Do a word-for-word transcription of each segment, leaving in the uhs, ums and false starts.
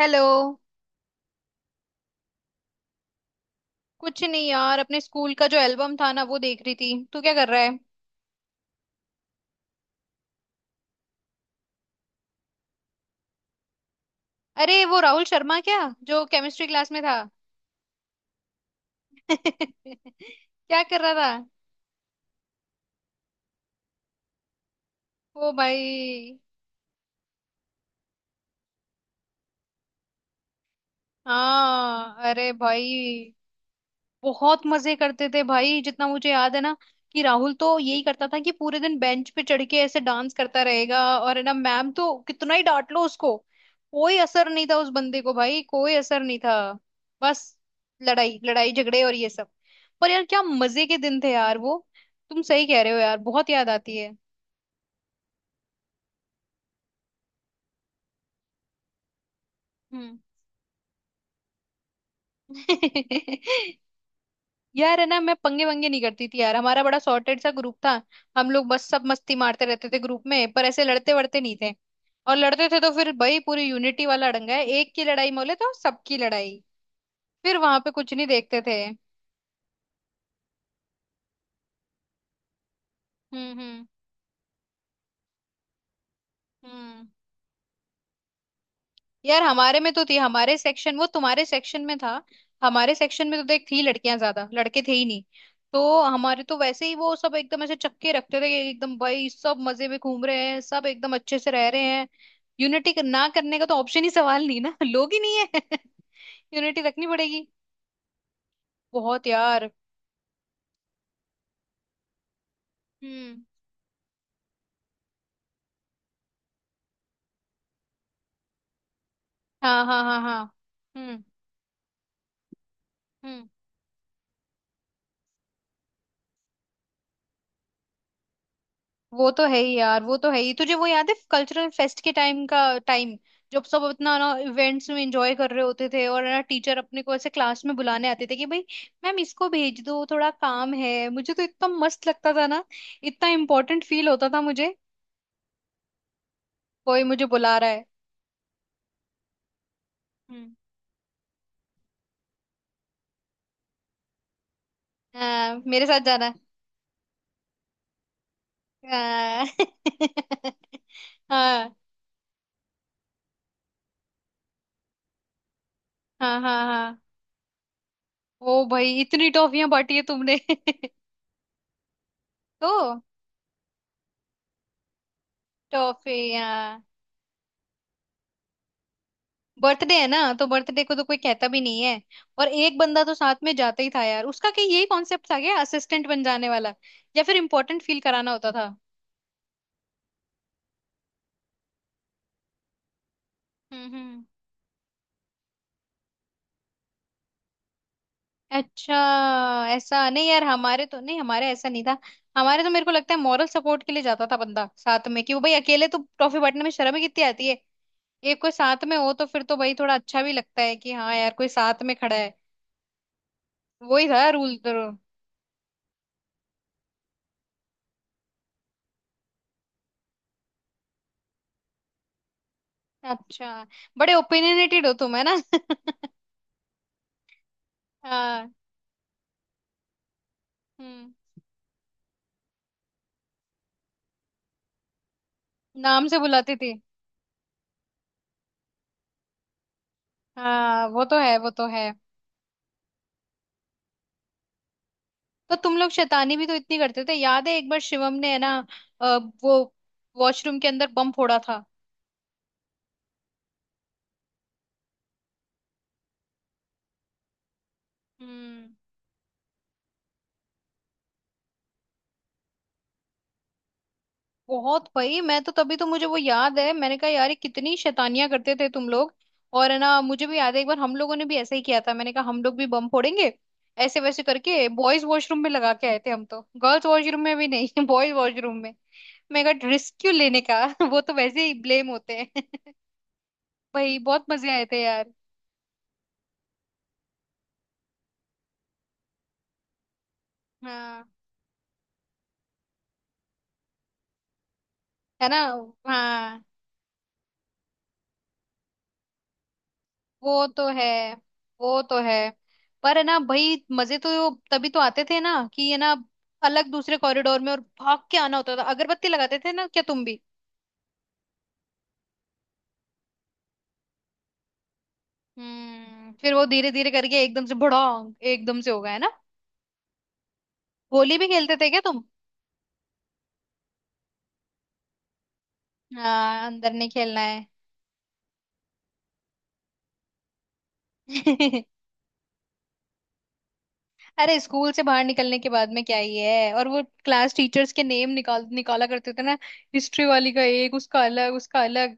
Hello. कुछ नहीं यार, अपने स्कूल का जो एल्बम था ना, वो देख रही थी। तू क्या कर रहा है? अरे वो राहुल शर्मा क्या, जो केमिस्ट्री क्लास में था? क्या कर रहा था? ओ भाई। हाँ, अरे भाई, बहुत मजे करते थे भाई, जितना मुझे याद है ना, कि राहुल तो यही करता था कि पूरे दिन बेंच पे चढ़ के ऐसे डांस करता रहेगा, और है ना मैम तो कितना ही डांट लो उसको, कोई असर नहीं था उस बंदे को भाई। कोई असर नहीं था। बस लड़ाई लड़ाई झगड़े और ये सब। पर यार क्या मजे के दिन थे यार वो। तुम सही कह रहे हो यार, बहुत याद आती है। हम्म। यार है ना, मैं पंगे वंगे नहीं करती थी यार। हमारा बड़ा सॉर्टेड सा ग्रुप था। हम लोग बस सब मस्ती मारते रहते थे ग्रुप में, पर ऐसे लड़ते वड़ते नहीं थे। और लड़ते थे तो फिर भाई पूरी यूनिटी वाला डंगा है, एक की लड़ाई मोले तो सबकी लड़ाई। फिर वहां पे कुछ नहीं देखते थे। हम्म। हम्म। हम्म। यार हमारे में तो थी, हमारे सेक्शन, वो तुम्हारे सेक्शन में था। हमारे सेक्शन में तो देख, थी लड़कियां ज्यादा, लड़के थे ही नहीं। तो हमारे तो वैसे ही वो सब एकदम ऐसे चक्के रखते थे कि एकदम भाई सब मजे में घूम रहे हैं, सब एकदम अच्छे से रह रहे हैं। यूनिटी ना करने का तो ऑप्शन ही सवाल नहीं ना। लोग ही नहीं है। यूनिटी रखनी पड़ेगी। बहुत यार। हम्म। हाँ हाँ हाँ हाँ। हम्म। हम्म। वो तो है ही यार, वो तो है ही। तुझे वो याद है कल्चरल फेस्ट के टाइम का? टाइम, जब सब अपना ना इवेंट्स में एंजॉय कर रहे होते थे, और ना टीचर अपने को ऐसे क्लास में बुलाने आते थे कि भाई मैम इसको भेज दो थोड़ा काम है। मुझे तो इतना मस्त लगता था ना। इतना इम्पोर्टेंट फील होता था मुझे। कोई मुझे बुला रहा है। हम्म। हाँ, मेरे साथ जाना। हाँ। हाँ। हाँ हाँ हाँ। ओ भाई इतनी टॉफियां बांटी है तुमने। तो टॉफियां। बर्थडे है ना तो बर्थडे को तो कोई कहता भी नहीं है। और एक बंदा तो साथ में जाता ही था यार, उसका क्या यही कॉन्सेप्ट आ गया, असिस्टेंट बन जाने वाला। या फिर इम्पोर्टेंट फील कराना होता था। हम्म। हम्म। अच्छा। ऐसा नहीं यार, हमारे तो नहीं, हमारे ऐसा नहीं था। हमारे तो मेरे को लगता है मॉरल सपोर्ट के लिए जाता था बंदा साथ में, कि वो भाई अकेले तो ट्रॉफी बांटने में शर्म ही कितनी आती है। एक कोई साथ में हो तो फिर तो भाई थोड़ा अच्छा भी लगता है कि हाँ यार कोई साथ में खड़ा है। वही था रूल तो। अच्छा, बड़े ओपिनियनेटेड हो तुम है ना। हाँ। हम्म। नाम से बुलाती थी? हाँ, वो तो है, वो तो है। तो तुम लोग शैतानी भी तो इतनी करते थे। याद है एक बार शिवम ने है ना अ, वो वॉशरूम के अंदर बम फोड़ा था? हम्म। बहुत भाई। मैं तो तभी तो मुझे वो याद है, मैंने कहा यार ये कितनी शैतानियां करते थे तुम लोग। और है ना मुझे भी याद है, एक बार हम लोगों ने भी ऐसा ही किया था, मैंने कहा हम लोग भी बम फोड़ेंगे ऐसे वैसे करके। बॉयज वॉशरूम में लगा के आए थे हम, तो गर्ल्स वॉशरूम में भी नहीं बॉयज वॉशरूम में। मैं कहा रिस्क क्यों लेने का। वो तो वैसे ही ब्लेम होते हैं। भाई बहुत मजे आए थे यार। हाँ। है ना। हाँ। वो तो है, वो तो है। पर है ना भाई मजे तो तभी तो आते थे ना, कि ये ना अलग दूसरे कॉरिडोर में, और भाग के आना होता था। अगरबत्ती लगाते थे ना क्या तुम भी? हम्म। फिर वो धीरे धीरे करके एकदम से बड़ा, एकदम से हो गया है ना। होली भी खेलते थे क्या तुम? हाँ, अंदर नहीं खेलना है। अरे, स्कूल से बाहर निकलने के बाद में क्या ही है। और वो क्लास टीचर्स के नेम निकाल निकाला करते थे ना। हिस्ट्री वाली का एक, उसका अलग, उसका अलग।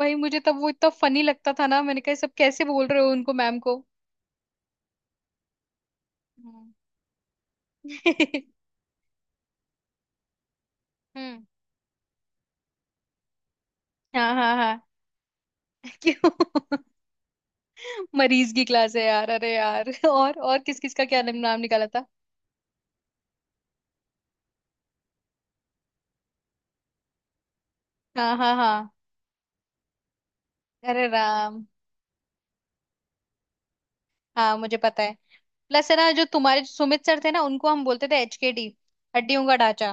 भाई मुझे तब वो इतना फनी लगता था ना, मैंने कहा "ये सब कैसे बोल रहे हो उनको, मैम को"। हम्म। हम्म। हाँ हाँ हाँ। क्यों? मरीज की क्लास है यार? अरे यार, और और किस किस का क्या नाम निकाला था? हाँ हाँ हाँ। अरे राम। हाँ मुझे पता है। प्लस है ना, जो तुम्हारे जो सुमित सर थे ना, उनको हम बोलते थे एचकेडी। हड्डियों का ढांचा।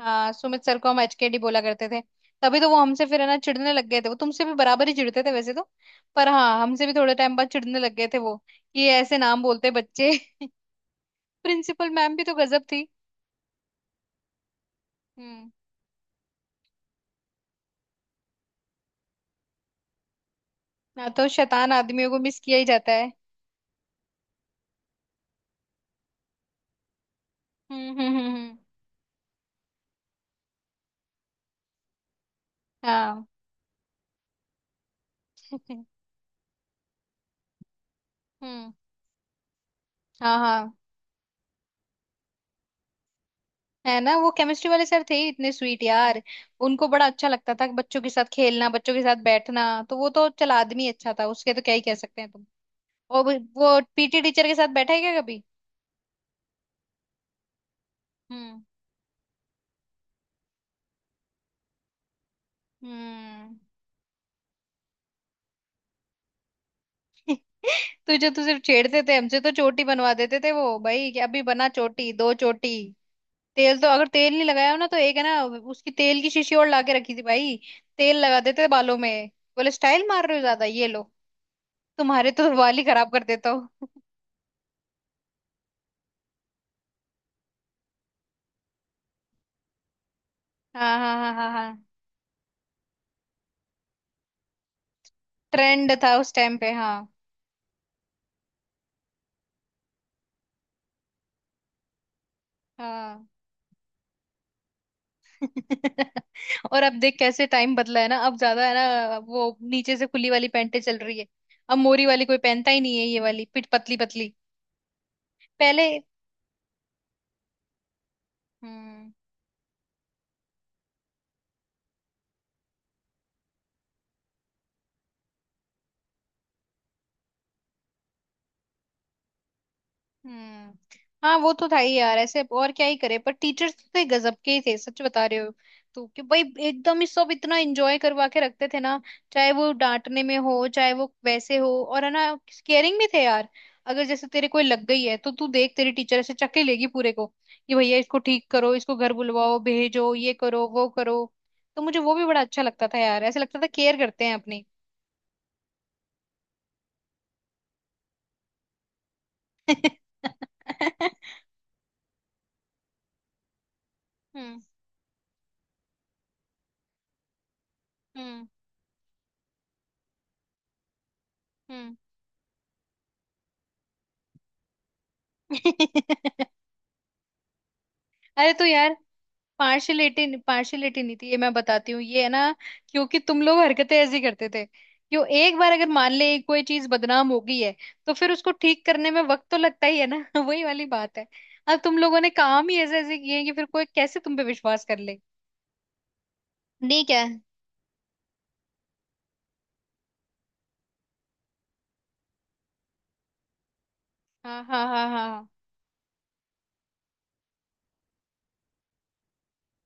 हाँ, सुमित सर को हम एचकेडी बोला करते थे। तभी तो वो हमसे फिर है ना चिढ़ने लग गए थे। वो तुमसे भी बराबर ही चिढ़ते थे वैसे तो। पर हाँ, हमसे भी थोड़े टाइम बाद चिढ़ने लग गए थे वो, कि ये ऐसे नाम बोलते बच्चे। प्रिंसिपल मैम भी तो गजब थी। हम्म। ना तो शैतान आदमियों को मिस किया ही जाता है। हम्म। हम्म। हम्म। हम्म, हाँ। हम्म। हाँ हाँ। है ना, वो केमिस्ट्री वाले सर थे ही इतने स्वीट यार। उनको बड़ा अच्छा लगता था बच्चों के साथ खेलना, बच्चों के साथ बैठना। तो वो तो चल, आदमी अच्छा था, उसके तो क्या ही कह सकते हैं तुम। और वो वो पीटी टीचर के साथ बैठा है क्या कभी? हम्म। हम्म। तुझे तो सिर्फ छेड़ते थे, हमसे तो चोटी बनवा देते थे वो भाई, कि अभी बना चोटी, दो चोटी। तेल तो, अगर तेल नहीं लगाया हो ना तो एक है ना उसकी तेल की शीशी और लाके रखी थी भाई, तेल लगा देते थे बालों में। बोले स्टाइल मार रहे हो ज्यादा, ये लो। तुम्हारे तो बाल ही खराब कर देता हूँ। हाँ हाँ हाँ हाँ हाँ। ट्रेंड था उस टाइम पे, हाँ। हाँ। और अब देख कैसे टाइम बदला है ना, अब ज्यादा है ना वो नीचे से खुली वाली पैंटें चल रही है। अब मोरी वाली कोई पहनता ही नहीं है, ये वाली पिट पतली पतली। पहले। हम्म। हम्म। हाँ, वो तो था ही यार ऐसे, और क्या ही करे। पर टीचर्स तो गजब के ही थे सच बता रहे हो तो, कि भाई एकदम ही सब इतना एंजॉय करवा के रखते थे ना, चाहे वो डांटने में हो, चाहे वो वैसे हो। और है ना, केयरिंग भी थे यार। अगर जैसे तेरे कोई लग गई है तो तू देख, तेरी टीचर ऐसे चक्के लेगी पूरे को कि भैया इसको ठीक करो, इसको घर बुलवाओ, भेजो, ये करो, वो करो। तो मुझे वो भी बड़ा अच्छा लगता था यार, ऐसे लगता था केयर करते हैं अपनी। हम्म। हम्म। हम्म। अरे तो यार, पार्शलिटी, पार्शलिटी नहीं थी, ये मैं बताती हूँ। ये है ना, क्योंकि तुम लोग हरकतें ऐसी करते थे क्यों? एक बार अगर मान ले कोई चीज बदनाम हो गई है, तो फिर उसको ठीक करने में वक्त तो लगता ही है ना। वही वाली बात है। अब तुम लोगों ने काम ही ऐसे ऐसे किए हैं कि फिर कोई कैसे तुम पे विश्वास कर ले। ठीक है। हाँ हाँ हाँ हाँ।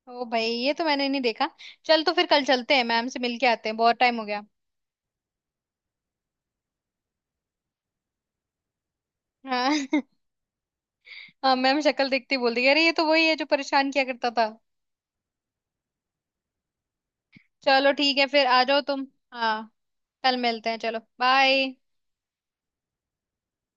ओ भाई ये तो मैंने नहीं देखा। चल, तो फिर कल चलते हैं, मैम से मिलके आते हैं, बहुत टाइम हो गया। हाँ हाँ। मैम शक्ल देखते ही बोल दी, अरे ये तो वही है जो परेशान किया करता था। चलो ठीक है, फिर आ जाओ तुम। हाँ, कल मिलते हैं, चलो बाय।